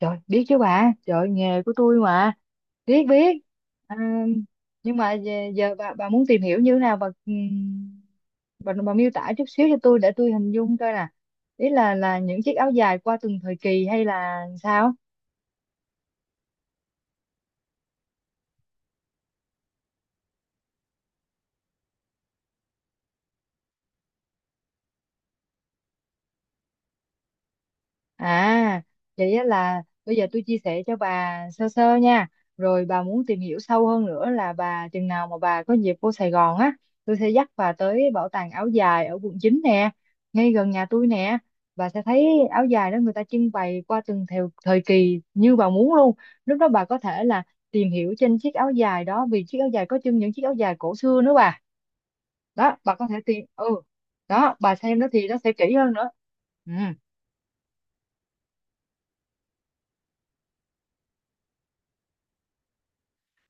Trời, biết chứ bà, trời nghề của tôi mà, biết biết. À, nhưng mà giờ bà muốn tìm hiểu như thế nào bà, bà miêu tả chút xíu cho tôi để tôi hình dung coi nè. Ý là những chiếc áo dài qua từng thời kỳ hay là sao? À, vậy á là bây giờ tôi chia sẻ cho bà sơ sơ nha. Rồi bà muốn tìm hiểu sâu hơn nữa là bà chừng nào mà bà có dịp vô Sài Gòn á, tôi sẽ dắt bà tới bảo tàng áo dài ở quận 9 nè, ngay gần nhà tôi nè. Bà sẽ thấy áo dài đó người ta trưng bày qua từng theo thời kỳ như bà muốn luôn. Lúc đó bà có thể là tìm hiểu trên chiếc áo dài đó vì chiếc áo dài có trưng những chiếc áo dài cổ xưa nữa bà. Đó, bà có thể tìm ừ. Đó, bà xem nó thì nó sẽ kỹ hơn nữa. Ừ.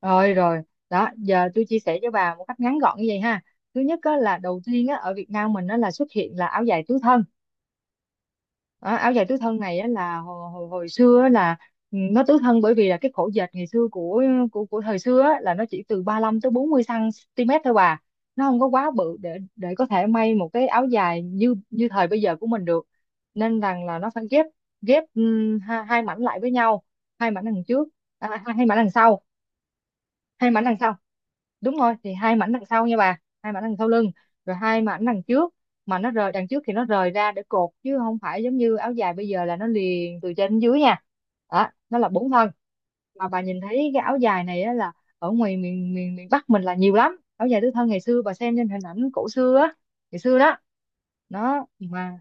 Rồi rồi, đó, giờ tôi chia sẻ cho bà một cách ngắn gọn như vậy ha. Thứ nhất á, là đầu tiên á, ở Việt Nam mình á, là xuất hiện là áo dài tứ thân. Đó, áo dài tứ thân này á, là hồi xưa á, là ừ, nó tứ thân bởi vì là cái khổ dệt ngày xưa của của thời xưa á, là nó chỉ từ 35 tới 40 cm thôi bà. Nó không có quá bự để có thể may một cái áo dài như như thời bây giờ của mình được. Nên rằng là nó phải ghép ghép hai mảnh lại với nhau, hai mảnh đằng trước, à, hai hai mảnh đằng sau, hai mảnh đằng sau đúng rồi, thì hai mảnh đằng sau nha bà, hai mảnh đằng sau lưng, rồi hai mảnh đằng trước mà nó rời đằng trước thì nó rời ra để cột chứ không phải giống như áo dài bây giờ là nó liền từ trên đến dưới nha. Đó, nó là bốn thân. Mà bà nhìn thấy cái áo dài này á là ở ngoài miền miền miền Bắc mình là nhiều lắm áo dài tứ thân ngày xưa, bà xem trên hình ảnh cổ xưa á, ngày xưa đó. Đó mà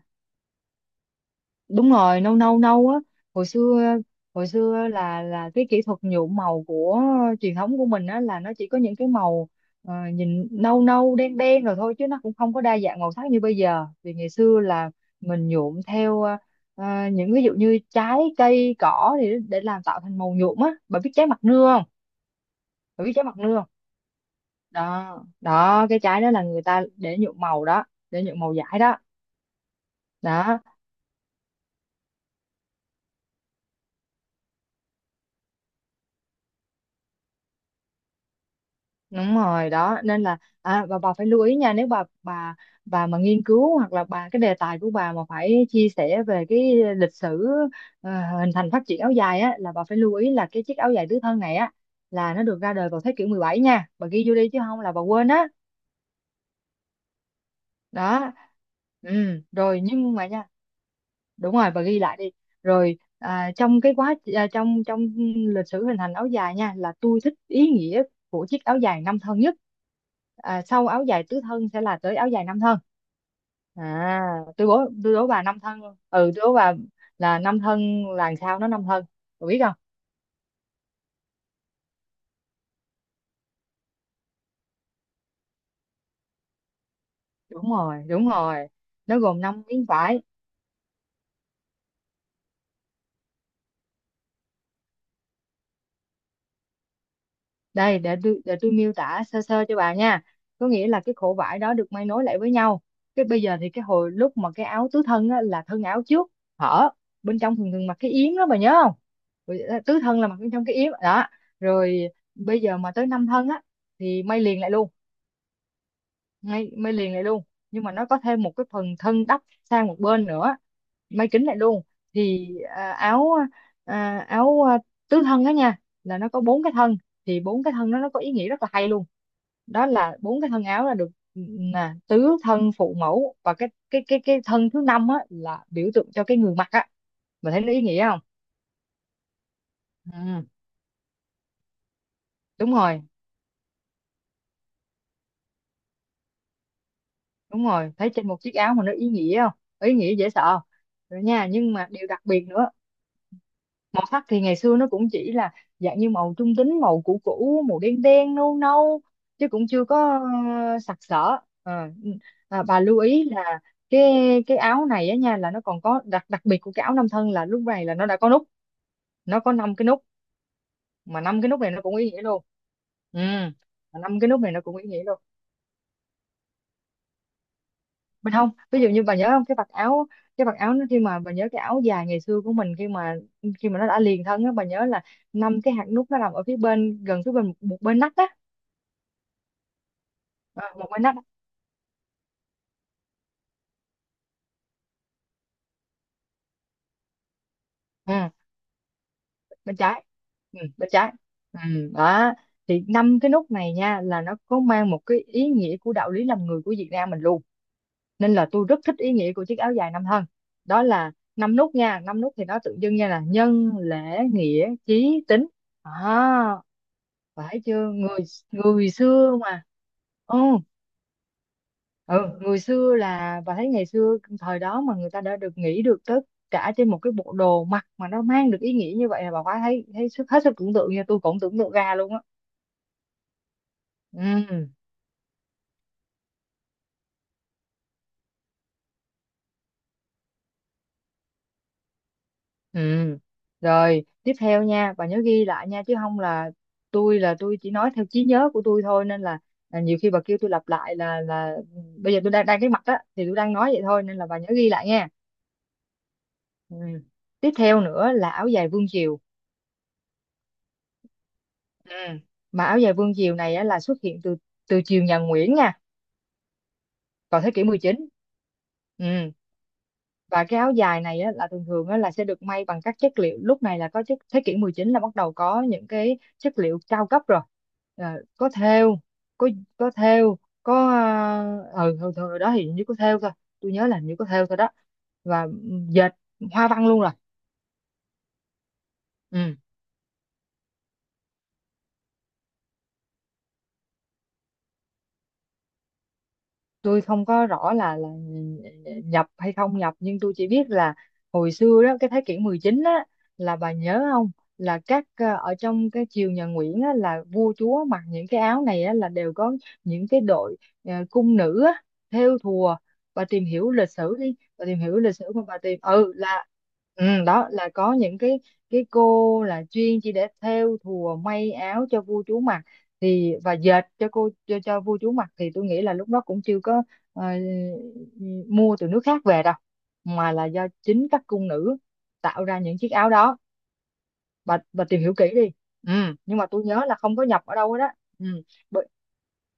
đúng rồi, nâu nâu nâu á. Hồi xưa hồi xưa là cái kỹ thuật nhuộm màu của truyền thống của mình á là nó chỉ có những cái màu nhìn nâu nâu đen đen rồi thôi chứ nó cũng không có đa dạng màu sắc như bây giờ, vì ngày xưa là mình nhuộm theo những ví dụ như trái cây cỏ thì để làm tạo thành màu nhuộm á. Bà biết trái mặt nưa không, bà biết trái mặt nưa không đó đó, cái trái đó là người ta để nhuộm màu đó, để nhuộm màu vải đó đó. Đúng rồi, đó nên là à, và bà phải lưu ý nha, nếu bà bà mà nghiên cứu hoặc là bà cái đề tài của bà mà phải chia sẻ về cái lịch sử ờ, hình thành phát triển áo dài á, là bà phải lưu ý là cái chiếc áo dài tứ thân này á là nó được ra đời vào thế kỷ 17 nha, bà ghi vô đi chứ không là bà quên á. Đó, ừ rồi, nhưng mà nha đúng rồi, và ghi lại đi rồi. À, trong cái quá à, trong trong lịch sử hình thành áo dài nha, là tôi thích ý nghĩa của chiếc áo dài năm thân nhất. À, sau áo dài tứ thân sẽ là tới áo dài năm thân. À, tôi đố tôi đố bà năm thân, ừ tôi đố bà là năm thân là làm sao nó năm thân, bà biết không? Đúng rồi, nó gồm năm miếng vải. Đây để tôi miêu tả sơ sơ cho bà nha, có nghĩa là cái khổ vải đó được may nối lại với nhau. Cái bây giờ thì cái hồi lúc mà cái áo tứ thân á, là thân áo trước hở bên trong thường thường mặc cái yếm đó, bà nhớ không? Rồi, ờ, tứ thân là mặc bên trong cái yếm đó rồi. Bây giờ mà tới năm thân á thì may liền lại luôn, may liền lại luôn, nhưng mà nó có thêm một cái phần thân đắp sang một bên nữa, may kín lại luôn thì à, áo tứ thân đó nha là nó có bốn cái thân, thì bốn cái thân đó nó có ý nghĩa rất là hay luôn, đó là bốn cái thân áo là được nè, tứ thân phụ mẫu, và cái thân thứ năm á là biểu tượng cho cái người mặc á. Mình thấy nó ý nghĩa không? Ừ, đúng rồi đúng rồi, thấy trên một chiếc áo mà nó ý nghĩa không, ý nghĩa dễ sợ. Rồi nha, nhưng mà điều đặc biệt nữa, màu sắc thì ngày xưa nó cũng chỉ là dạng như màu trung tính, màu cũ cũ, màu đen đen nâu nâu, chứ cũng chưa có sặc sỡ. Ờ, ừ, à, bà lưu ý là cái cái áo này á nha, là nó còn có đặc đặc biệt của cái áo nam thân, là lúc này là nó đã có nút, nó có năm cái nút, mà năm cái nút này nó cũng ý nghĩa luôn. Ừ, mà năm cái nút này nó cũng ý nghĩa luôn mình không, ví dụ như bà nhớ không, cái vạt áo, cái vạt áo nó khi mà bà nhớ cái áo dài ngày xưa của mình khi mà nó đã liền thân á, bà nhớ là năm cái hạt nút nó nằm ở phía bên gần phía bên một bên nách á. Ờ, một bên nách á. Ừ, bên trái bên trái ừ, đó thì năm cái nút này nha là nó có mang một cái ý nghĩa của đạo lý làm người của Việt Nam mình luôn, nên là tôi rất thích ý nghĩa của chiếc áo dài năm thân. Đó là năm nút nha, năm nút thì nó tượng trưng nha, là nhân lễ nghĩa chí tín. À phải chưa, người người xưa mà. Ồ, ừ, người xưa là, bà thấy ngày xưa thời đó mà người ta đã được nghĩ được tất cả trên một cái bộ đồ mặc mà nó mang được ý nghĩa như vậy, là bà quá thấy thấy sức hết sức tưởng tượng nha, tôi cũng tưởng tượng ra luôn á. Ừ, ừ rồi tiếp theo nha, bà nhớ ghi lại nha, chứ không là tôi là tôi chỉ nói theo trí nhớ của tôi thôi, nên là nhiều khi bà kêu tôi lặp lại là bây giờ tôi đang đang cái mặt á thì tôi đang nói vậy thôi, nên là bà nhớ ghi lại nha. Ừ. Tiếp theo nữa là áo dài vương triều. Ừ. Mà áo dài vương diều này á, là xuất hiện từ từ triều nhà Nguyễn nha, vào thế kỷ 19. Ừ. Và cái áo dài này á, là thường thường á, là sẽ được may bằng các chất liệu, lúc này là có chất thế kỷ 19 là bắt đầu có những cái chất liệu cao cấp rồi. Ờ, có thêu, có có thêu có ờ ừ, hồi đó thì hình như có thêu thôi, tôi nhớ là hình như có thêu thôi đó. Và ừ, dệt hoa văn luôn rồi. Ừ. Tôi không có rõ là nhập hay không nhập, nhưng tôi chỉ biết là hồi xưa đó cái thế kỷ 19 á, là bà nhớ không, là các ờ, ở trong cái triều nhà Nguyễn á, là vua chúa mặc những cái áo này á, là đều có những cái đội ờ, cung nữ á, thêu thùa. Bà tìm hiểu lịch sử đi, bà tìm hiểu lịch sử mà bà tìm ừ là ừ, đó là có những cái cô là chuyên chỉ để thêu thùa may áo cho vua chúa mặc thì, và dệt cho cô cho vua chúa mặc, thì tôi nghĩ là lúc đó cũng chưa có ờ, mua từ nước khác về đâu, mà là do chính các cung nữ tạo ra những chiếc áo đó. Bà tìm hiểu kỹ đi. Ừ. Nhưng mà tôi nhớ là không có nhập ở đâu hết đó. Ừ. Bởi,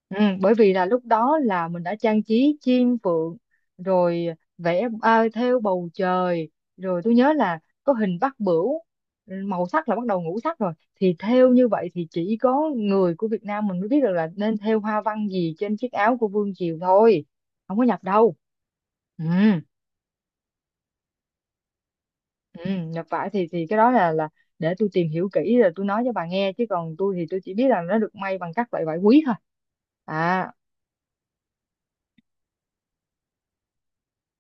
ừ bởi vì là lúc đó là mình đã trang trí chim phượng rồi, vẽ thêu bầu trời, rồi tôi nhớ là có hình bát bửu. Màu sắc là bắt đầu ngũ sắc rồi, thì thêu như vậy thì chỉ có người của Việt Nam mình mới biết được là nên thêu hoa văn gì trên chiếc áo của Vương Triều thôi, không có nhập đâu. ừ Ừ, Nhập vải thì cái đó là để tôi tìm hiểu kỹ rồi tôi nói cho bà nghe, chứ còn tôi thì tôi chỉ biết là nó được may bằng các loại vải quý thôi. À,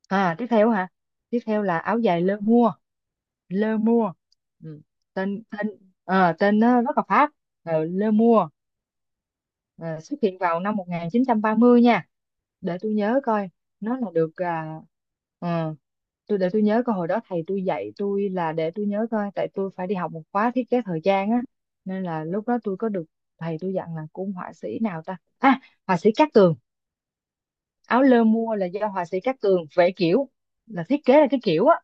tiếp theo hả? Tiếp theo là áo dài lơ mua. Lơ mua. Ừ. tên tên ờ, tên nó rất là Pháp. Ờ, lơ mua. Ờ, xuất hiện vào năm 1930 nha, để tôi nhớ coi. Nó là được ờ, tôi để tôi nhớ coi, hồi đó thầy tôi dạy tôi, là để tôi nhớ coi, tại tôi phải đi học một khóa thiết kế thời trang á, nên là lúc đó tôi có được thầy tôi dặn là cũng họa sĩ nào ta? À, họa sĩ Cát Tường. Áo lơ mua là do họa sĩ Cát Tường vẽ kiểu, là thiết kế là cái kiểu á.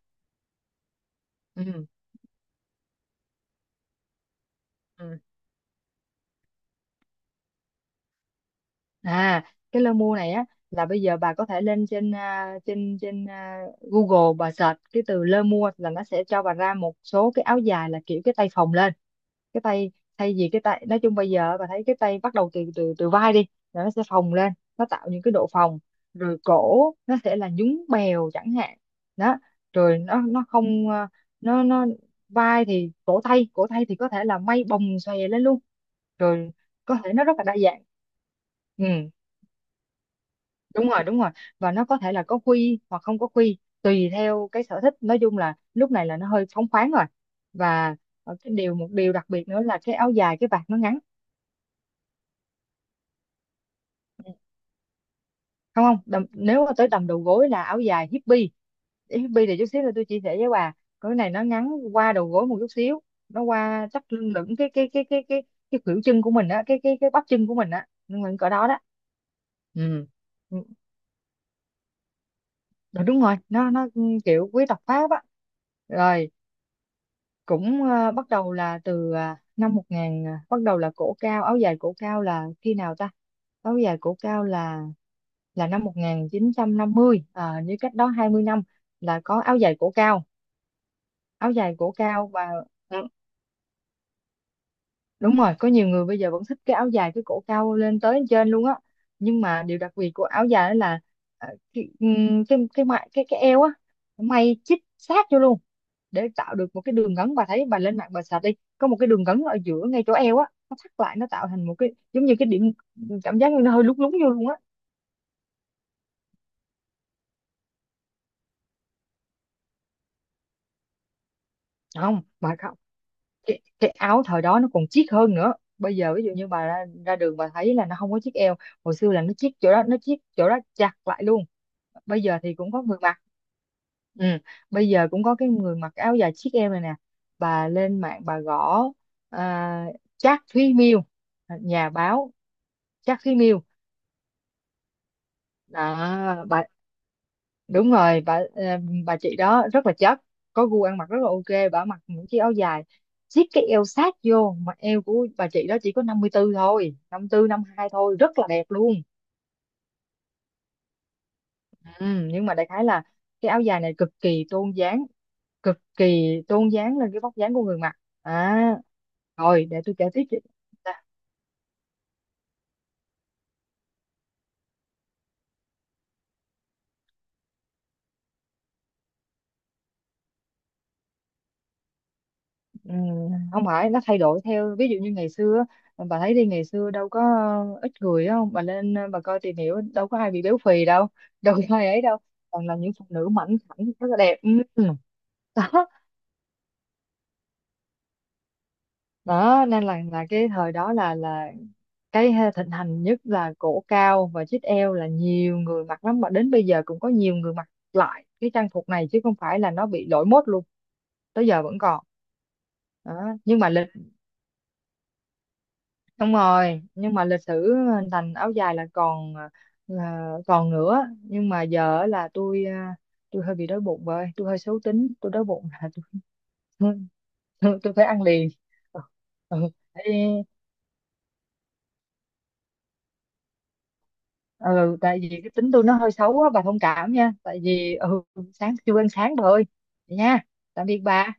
Ừ. Ừ. À, cái lơ mu này á, là bây giờ bà có thể lên trên trên trên à, Google, bà search cái từ lơ mua, là nó sẽ cho bà ra một số cái áo dài là kiểu cái tay phồng lên, cái tay, thay vì cái tay nói chung bây giờ bà thấy cái tay bắt đầu từ từ từ vai đi, là nó sẽ phồng lên, nó tạo những cái độ phồng. Rồi cổ nó sẽ là nhún bèo chẳng hạn. Đó, rồi nó không à, nó vai thì cổ tay thì có thể là may bồng xòe lên luôn. Rồi có thể nó rất là đa dạng. Ừ, đúng rồi, đúng rồi. Và nó có thể là có quy hoặc không có quy, tùy theo cái sở thích. Nói chung là lúc này là nó hơi phóng khoáng rồi. Và cái điều, một điều đặc biệt nữa là cái áo dài cái vạt nó ngắn. Không, không đầm, nếu mà tới tầm đầu gối là áo dài hippie. Hippie thì chút xíu là tôi chia sẻ với bà. Cái này nó ngắn qua đầu gối một chút xíu, nó qua chắc lưng lửng cái khuỷu chân của mình á, cái bắp chân của mình á, nhưng mà cỡ đó đó. ừ Ừ, Đúng rồi, kiểu quý tộc Pháp á. Rồi cũng bắt đầu là từ năm 1000, bắt đầu là cổ cao, áo dài cổ cao là khi nào ta? Áo dài cổ cao là năm 1950, như cách đó 20 năm là có áo dài cổ cao. Áo dài cổ cao. Và ừ, đúng rồi, có nhiều người bây giờ vẫn thích cái áo dài cái cổ cao lên tới trên luôn á. Nhưng mà điều đặc biệt của áo dài đó là cái eo á, nó may chít sát vô luôn để tạo được một cái đường gắn. Bà thấy, bà lên mạng bà sạch đi, có một cái đường gắn ở giữa ngay chỗ eo á, nó thắt lại, nó tạo thành một cái giống như cái điểm, cảm giác như nó hơi lúng lúng vô luôn á. Không, bà không. Cái áo thời đó nó còn chiết hơn nữa. Bây giờ ví dụ như bà ra đường bà thấy là nó không có chiếc eo, hồi xưa là nó chiết chỗ đó, nó chiết chỗ đó chặt lại luôn. Bây giờ thì cũng có người mặc. Ừ. Bây giờ cũng có cái người mặc áo dài chiếc em này nè, bà lên mạng bà gõ à, Trác Thúy Miêu, nhà báo Trác Thúy Miêu. Đó bà, đúng rồi bà. Ờ, bà chị đó rất là chất, có gu ăn mặc rất là ok. Bà mặc những chiếc áo dài siết cái eo sát vô mà eo của bà chị đó chỉ có 54 thôi, năm tư năm hai thôi, rất là đẹp luôn. Ừ, nhưng mà đại khái là cái áo dài này cực kỳ tôn dáng, cực kỳ tôn dáng lên cái vóc dáng của người mặc. À, rồi để tôi kể tiếp chị. à, Không phải nó thay đổi theo, ví dụ như ngày xưa bà thấy đi, ngày xưa đâu có ít người đâu. Bà lên bà coi tìm hiểu, đâu có ai bị béo phì đâu đâu có ai ấy đâu, toàn là những phụ nữ mảnh khảnh rất là đẹp. Đó, đó, nên là cái thời đó là cái thịnh hành nhất là cổ cao và chít eo, là nhiều người mặc lắm, mà đến bây giờ cũng có nhiều người mặc lại cái trang phục này chứ không phải là nó bị lỗi mốt luôn, tới giờ vẫn còn. Đó. Nhưng mà lịch sử hình thành áo dài là còn nữa, nhưng mà giờ á là tôi tôi hơi bị đói bụng rồi, tôi hơi xấu tính, tôi đói bụng là tôi tôi, tôi phải ăn liền. ừ, ừ, tại ừ, Tại vì cái tính tôi nó hơi xấu á, bà thông cảm nha, tại vì ừ, sáng chưa ăn sáng bà ơi, vậy nha. Tạm biệt bà.